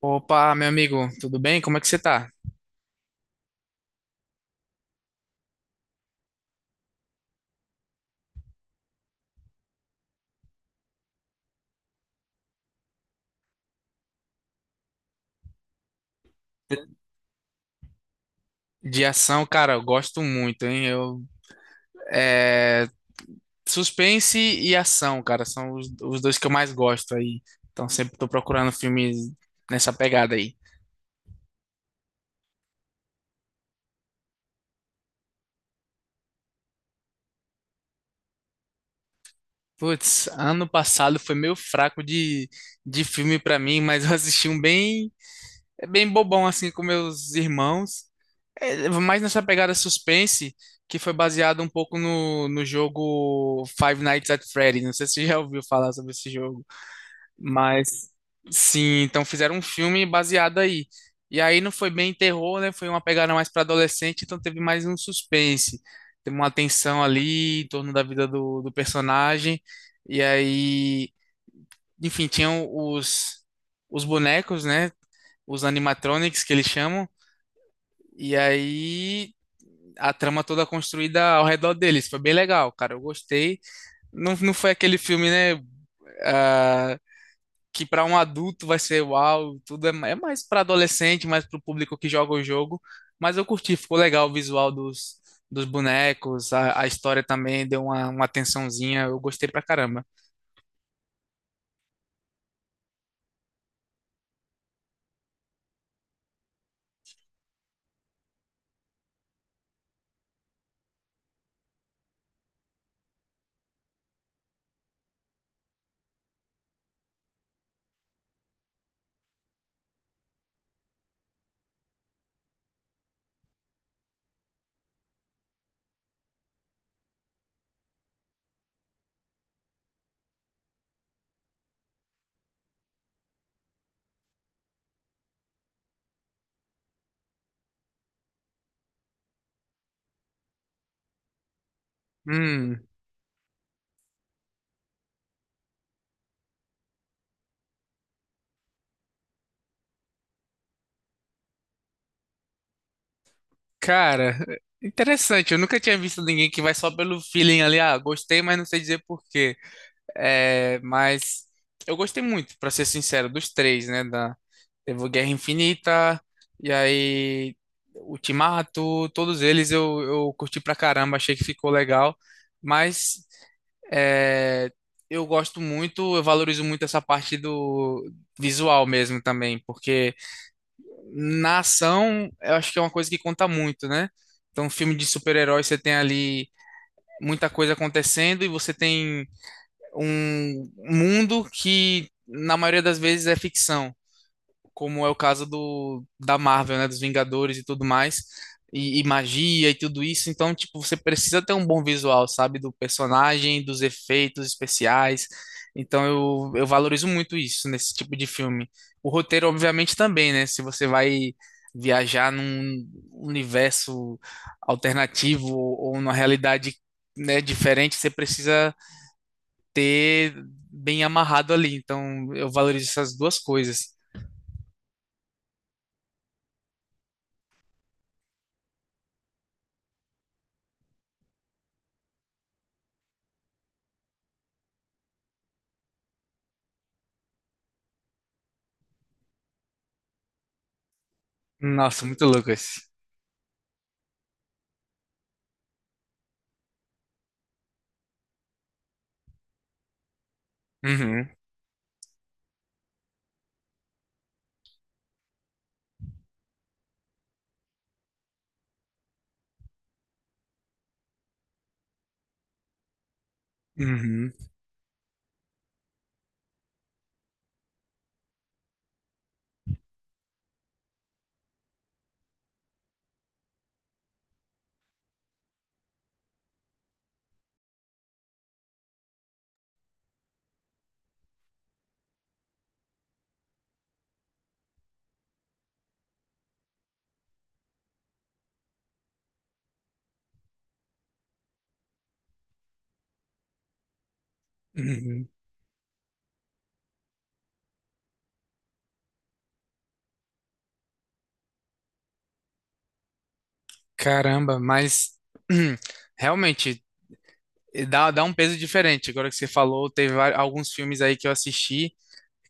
Opa, meu amigo, tudo bem? Como é que você tá? De ação, cara, eu gosto muito, hein? É, suspense e ação, cara, são os dois que eu mais gosto aí. Então sempre tô procurando filmes nessa pegada aí. Putz, ano passado foi meio fraco de filme pra mim, mas eu assisti um bem bobão assim com meus irmãos. É, mais nessa pegada suspense, que foi baseado um pouco no jogo Five Nights at Freddy. Não sei se você já ouviu falar sobre esse jogo. Mas sim, então fizeram um filme baseado aí. E aí não foi bem terror, né? Foi uma pegada mais para adolescente, então teve mais um suspense. Teve uma tensão ali em torno da vida do personagem. E aí, enfim, tinham os bonecos, né? Os animatronics que eles chamam. E aí a trama toda construída ao redor deles. Foi bem legal, cara. Eu gostei. Não, não foi aquele filme, né? Ah, que para um adulto vai ser uau, tudo é mais para adolescente, mais para o público que joga o jogo. Mas eu curti, ficou legal o visual dos bonecos, a história também deu uma atençãozinha, eu gostei pra caramba. Hum, cara, interessante, eu nunca tinha visto ninguém que vai só pelo feeling ali, ah, gostei, mas não sei dizer por quê. É, mas eu gostei muito, pra ser sincero, dos três, né? Da, teve o Guerra Infinita, e aí Ultimato, todos eles eu curti pra caramba, achei que ficou legal. Mas é, eu gosto muito, eu valorizo muito essa parte do visual mesmo também, porque na ação eu acho que é uma coisa que conta muito, né? Então, filme de super-herói, você tem ali muita coisa acontecendo e você tem um mundo que na maioria das vezes é ficção, como é o caso do da Marvel, né, dos Vingadores e tudo mais, e magia e tudo isso. Então, tipo, você precisa ter um bom visual, sabe, do personagem, dos efeitos especiais. Então, eu valorizo muito isso nesse tipo de filme. O roteiro, obviamente, também, né? Se você vai viajar num universo alternativo ou numa realidade, né, diferente, você precisa ter bem amarrado ali. Então, eu valorizo essas duas coisas. Nossa, muito louco esse. Uhum, uhum, uhum. Caramba, mas realmente dá um peso diferente. Agora que você falou, teve alguns filmes aí que eu assisti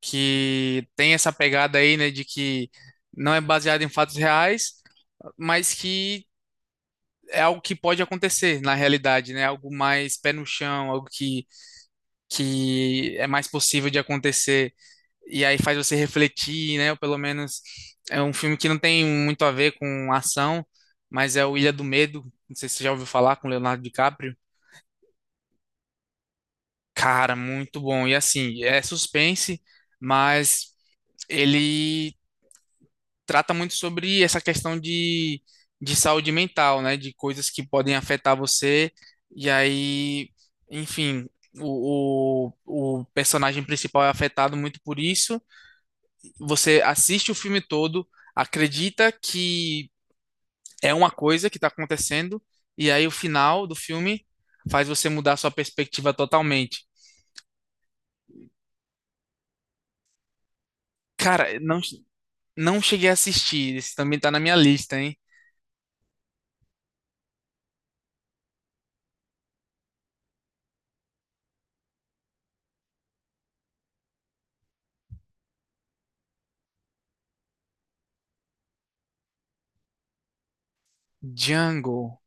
que tem essa pegada aí, né, de que não é baseado em fatos reais, mas que é algo que pode acontecer na realidade, né? Algo mais pé no chão, algo que é mais possível de acontecer. E aí faz você refletir, né? Ou pelo menos é um filme que não tem muito a ver com ação, mas é o Ilha do Medo. Não sei se você já ouviu falar com Leonardo DiCaprio. Cara, muito bom. E assim, é suspense, mas ele trata muito sobre essa questão de saúde mental, né? De coisas que podem afetar você. E aí, enfim, o personagem principal é afetado muito por isso. Você assiste o filme todo, acredita que é uma coisa que está acontecendo, e aí o final do filme faz você mudar sua perspectiva totalmente. Cara, não, não cheguei a assistir, esse também tá na minha lista, hein? Django.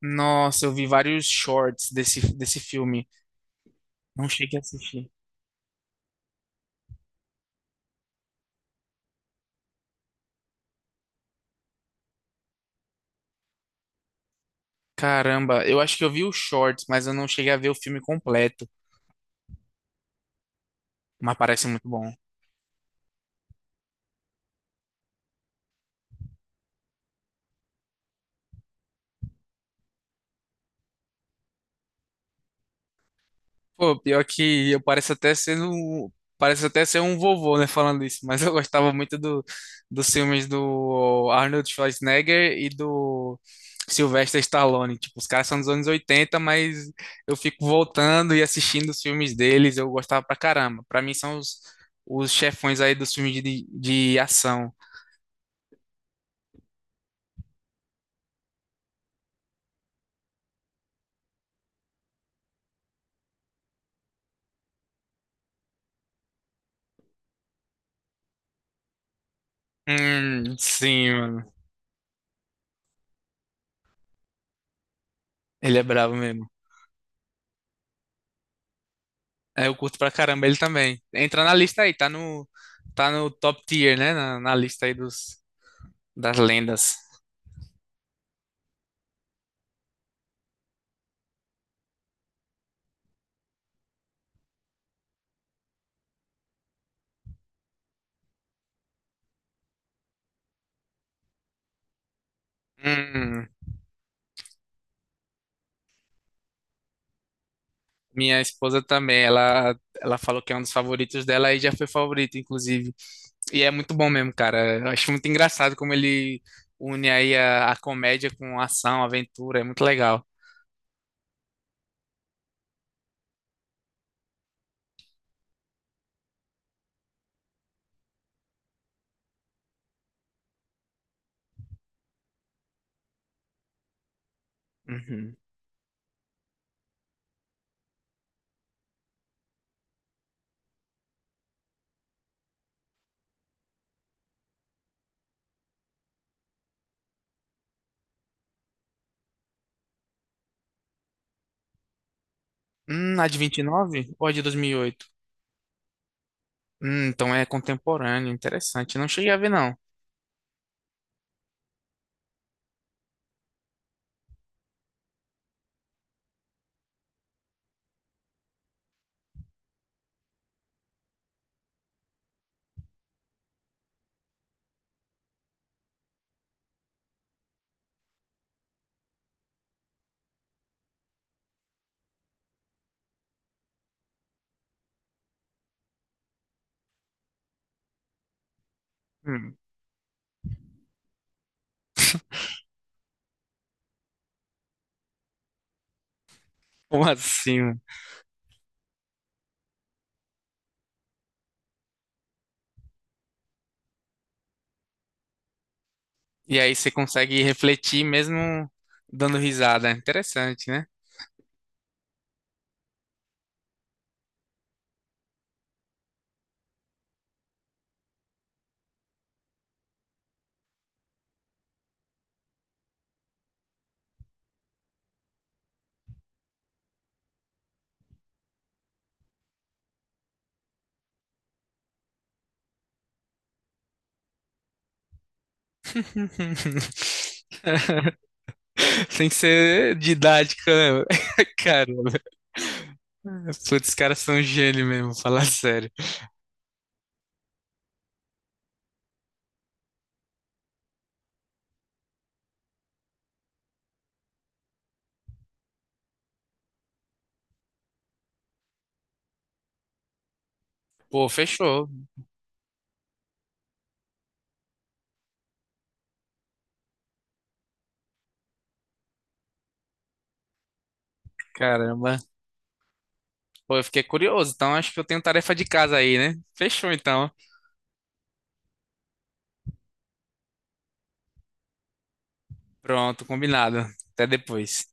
Nossa, eu vi vários shorts desse filme. Não cheguei a assistir. Caramba, eu acho que eu vi os shorts, mas eu não cheguei a ver o filme completo. Mas parece muito bom. Pô, pior que eu pareço até pareço até ser um vovô, né, falando isso, mas eu gostava muito dos filmes do Arnold Schwarzenegger e do Sylvester Stallone. Tipo, os caras são dos anos 80 mas eu fico voltando e assistindo os filmes deles, eu gostava pra caramba. Pra mim são os chefões aí dos filmes de ação. Sim, mano. Ele é bravo mesmo. É, eu curto pra caramba ele também. Entra na lista aí, tá no top tier, né? Na lista aí dos das lendas. Hum, minha esposa também, ela falou que é um dos favoritos dela e já foi favorito, inclusive. E é muito bom mesmo, cara. Eu acho muito engraçado como ele une aí a comédia com ação, aventura, é muito legal. Uhum. A de vinte e nove, ou a de 2008? Então é contemporâneo, interessante. Não cheguei a ver, não. Hum, como assim? Mano? E aí você consegue refletir mesmo dando risada. Interessante, né? Tem que ser didática, né? Cara, putz, os caras são gênio mesmo, falar sério. Pô, fechou. Caramba. Pô, eu fiquei curioso. Então, acho que eu tenho tarefa de casa aí, né? Fechou, então. Pronto, combinado. Até depois.